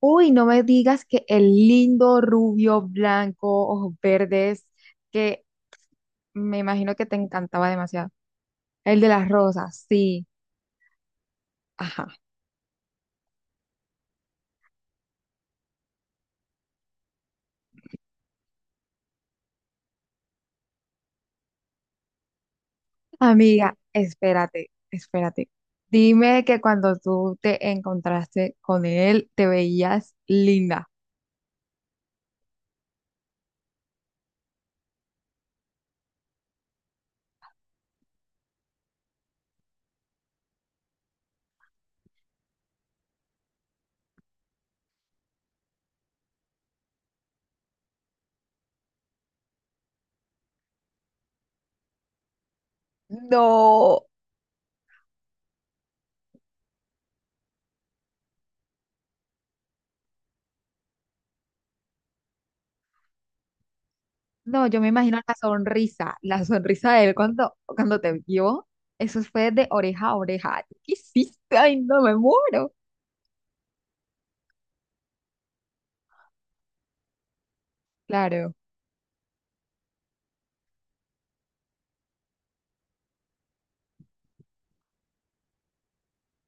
Uy, no me digas que el lindo rubio blanco, ojos verdes, que me imagino que te encantaba demasiado. El de las rosas, sí. Ajá. Amiga, espérate, espérate. Dime que cuando tú te encontraste con él, te veías linda. No, no, yo me imagino la sonrisa de él cuando te vio. Eso fue de oreja a oreja. ¿Qué hiciste? Ay, no me muero. Claro.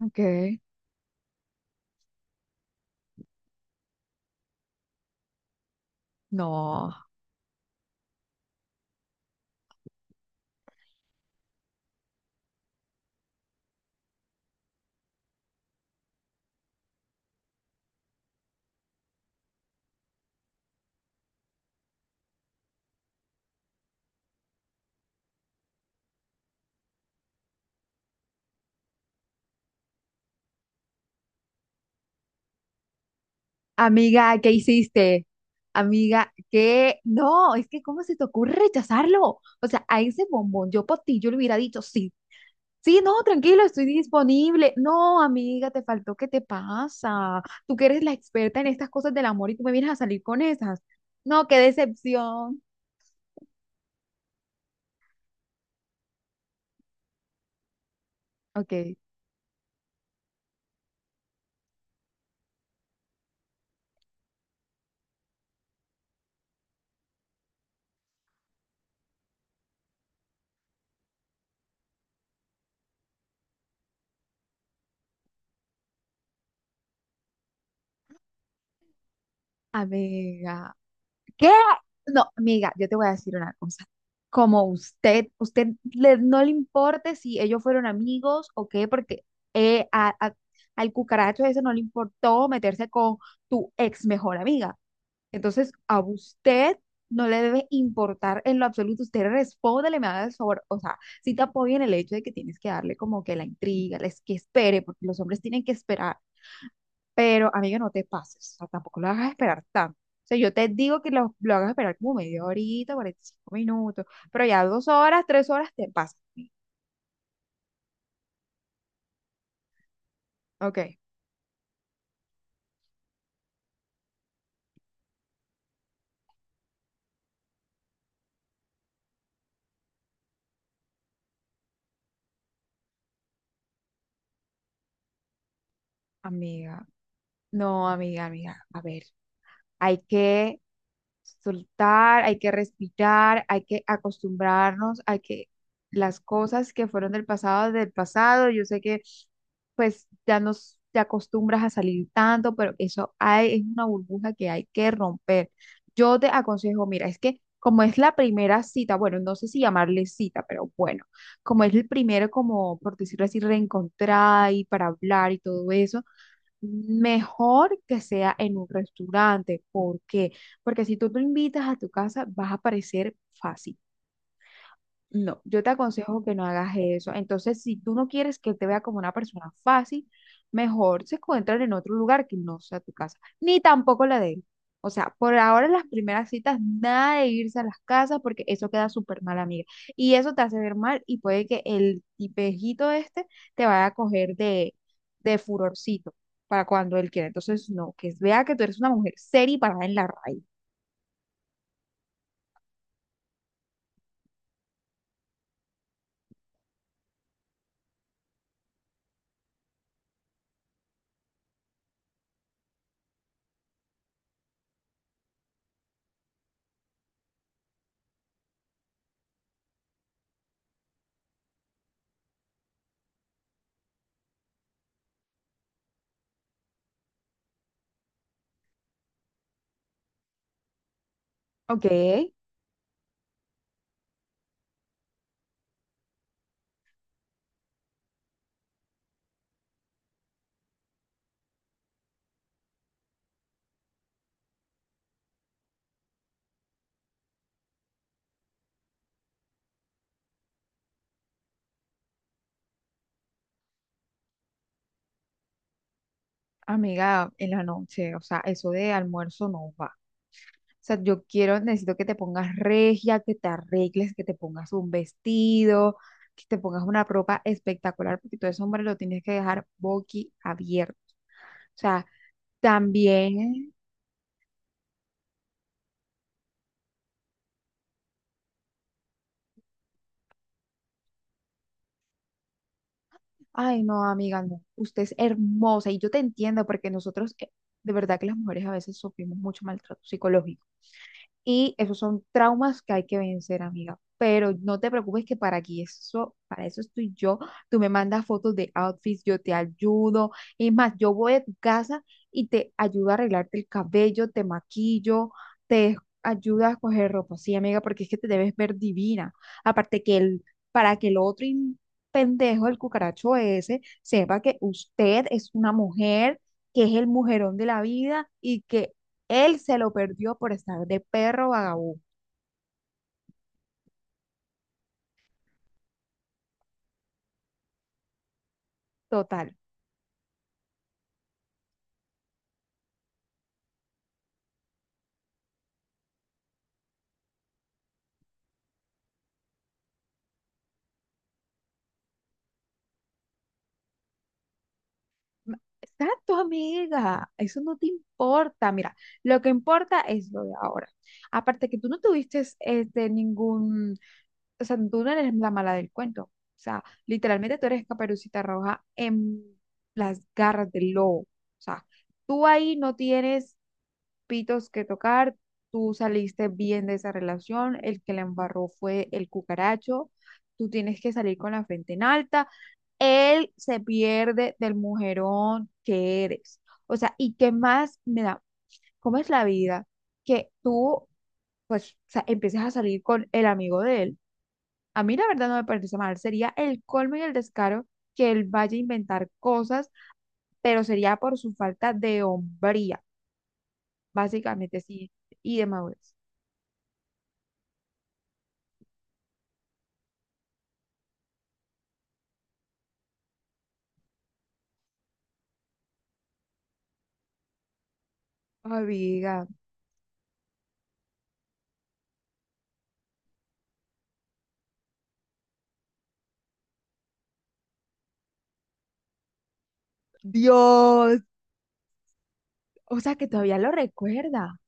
Ok. No. Amiga, ¿qué hiciste? Amiga, ¿qué? No, es que ¿cómo se te ocurre rechazarlo? O sea, a ese bombón, yo por ti, yo le hubiera dicho, sí, sí, no, tranquilo, estoy disponible. No, amiga, te faltó, ¿qué te pasa? Tú que eres la experta en estas cosas del amor y tú me vienes a salir con esas. No, qué decepción. Ok, amiga. ¿Qué? No, amiga, yo te voy a decir una cosa. Como usted no le importe si ellos fueron amigos o qué, porque eh, a- a- al cucaracho ese no le importó meterse con tu ex mejor amiga. Entonces, a usted no le debe importar en lo absoluto. Usted respóndele, me haga el favor. O sea, si te apoya en el hecho de que tienes que darle como que la intriga, les que espere, porque los hombres tienen que esperar. Pero, amiga, no te pases, o sea, tampoco lo hagas esperar tanto. O sea, yo te digo que lo hagas esperar como media horita, 45 minutos, pero ya 2 horas, 3 horas te pasas. ¿Sí? Ok, amiga, no, amiga, amiga, a ver, hay que soltar, hay que respirar, hay que acostumbrarnos, hay que las cosas que fueron del pasado, yo sé que pues ya nos te acostumbras a salir tanto, pero eso hay, es una burbuja que hay que romper. Yo te aconsejo, mira, es que como es la primera cita, bueno, no sé si llamarle cita, pero bueno, como es el primero, como por decirlo así, reencontrar y para hablar y todo eso. Mejor que sea en un restaurante. ¿Por qué? Porque si tú lo invitas a tu casa, vas a parecer fácil. No, yo te aconsejo que no hagas eso. Entonces, si tú no quieres que él te vea como una persona fácil, mejor se encuentran en otro lugar que no sea tu casa, ni tampoco la de él. O sea, por ahora en las primeras citas, nada de irse a las casas porque eso queda súper mal, amiga. Y eso te hace ver mal y puede que el tipejito este te vaya a coger de furorcito para cuando él quiera. Entonces, no, que vea que tú eres una mujer seria y parada en la raíz. Ok. Amiga, en la noche, o sea, eso de almuerzo no va. O sea, yo quiero, necesito que te pongas regia, que te arregles, que te pongas un vestido, que te pongas una ropa espectacular, porque todo ese hombre lo tienes que dejar abierto. O sea, también, ay, no, amiga, no, usted es hermosa y yo te entiendo porque nosotros, de verdad que las mujeres a veces sufrimos mucho maltrato psicológico. Y esos son traumas que hay que vencer, amiga. Pero no te preocupes que para aquí eso, para eso estoy yo. Tú me mandas fotos de outfits, yo te ayudo. Es más, yo voy a tu casa y te ayudo a arreglarte el cabello, te maquillo, te ayudo a escoger ropa. Sí, amiga, porque es que te debes ver divina. Aparte que para que el otro pendejo, el cucaracho ese, sepa que usted es una mujer, que es el mujerón de la vida y que él se lo perdió por estar de perro vagabundo. Total. Exacto, amiga. Eso no te importa. Mira, lo que importa es lo de ahora. Aparte que tú no tuviste ningún, o sea, tú no eres la mala del cuento. O sea, literalmente tú eres Caperucita Roja en las garras del lobo. O sea, tú ahí no tienes pitos que tocar, tú saliste bien de esa relación, el que la embarró fue el cucaracho, tú tienes que salir con la frente en alta, él se pierde del mujerón que eres. O sea, ¿y qué más me da? ¿Cómo es la vida? Que tú, pues, o sea, empieces a salir con el amigo de él. A mí la verdad no me parece mal, sería el colmo y el descaro que él vaya a inventar cosas, pero sería por su falta de hombría, básicamente, sí, y de madurez. Amiga, Dios, o sea que todavía lo recuerda.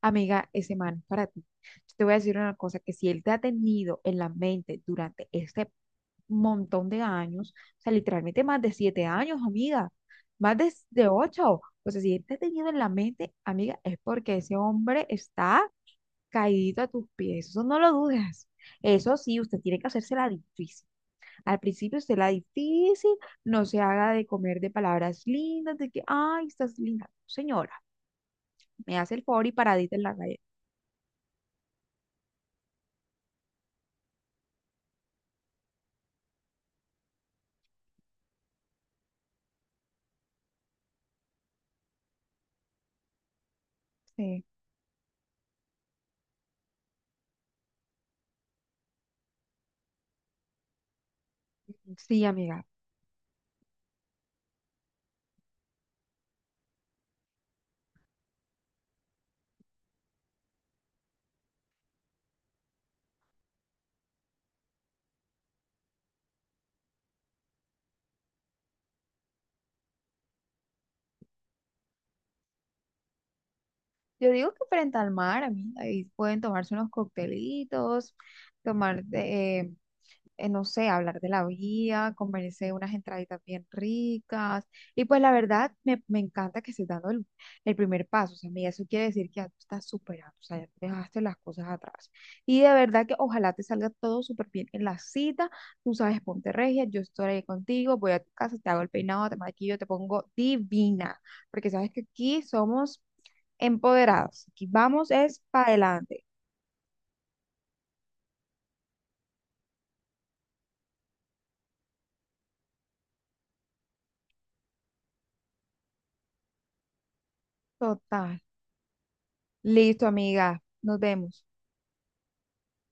Amiga, ese man, para ti, yo te voy a decir una cosa, que si él te ha tenido en la mente durante este montón de años, o sea, literalmente más de 7 años, amiga, más de ocho, o sea, si él te ha tenido en la mente, amiga, es porque ese hombre está caído a tus pies, eso no lo dudes. Eso sí, usted tiene que hacerse la difícil. Al principio se la difícil, no se haga de comer de palabras lindas, de que, ay, estás linda. Señora, me hace el favor y paradita en la calle. Sí, sí, amiga. Yo digo que frente al mar, amiga, ahí pueden tomarse unos coctelitos, tomar no sé, hablar de la vida, comerse unas entraditas bien ricas. Y pues la verdad, me encanta que estés dando el primer paso. O sea, mira, eso quiere decir que ya tú estás superando, o sea, ya dejaste las cosas atrás. Y de verdad que ojalá te salga todo súper bien en la cita. Tú sabes, ponte regia, yo estoy ahí contigo, voy a tu casa, te hago el peinado, te maquillo, te pongo divina, porque sabes que aquí somos empoderados. Aquí vamos es para adelante. Total. Listo, amiga. Nos vemos.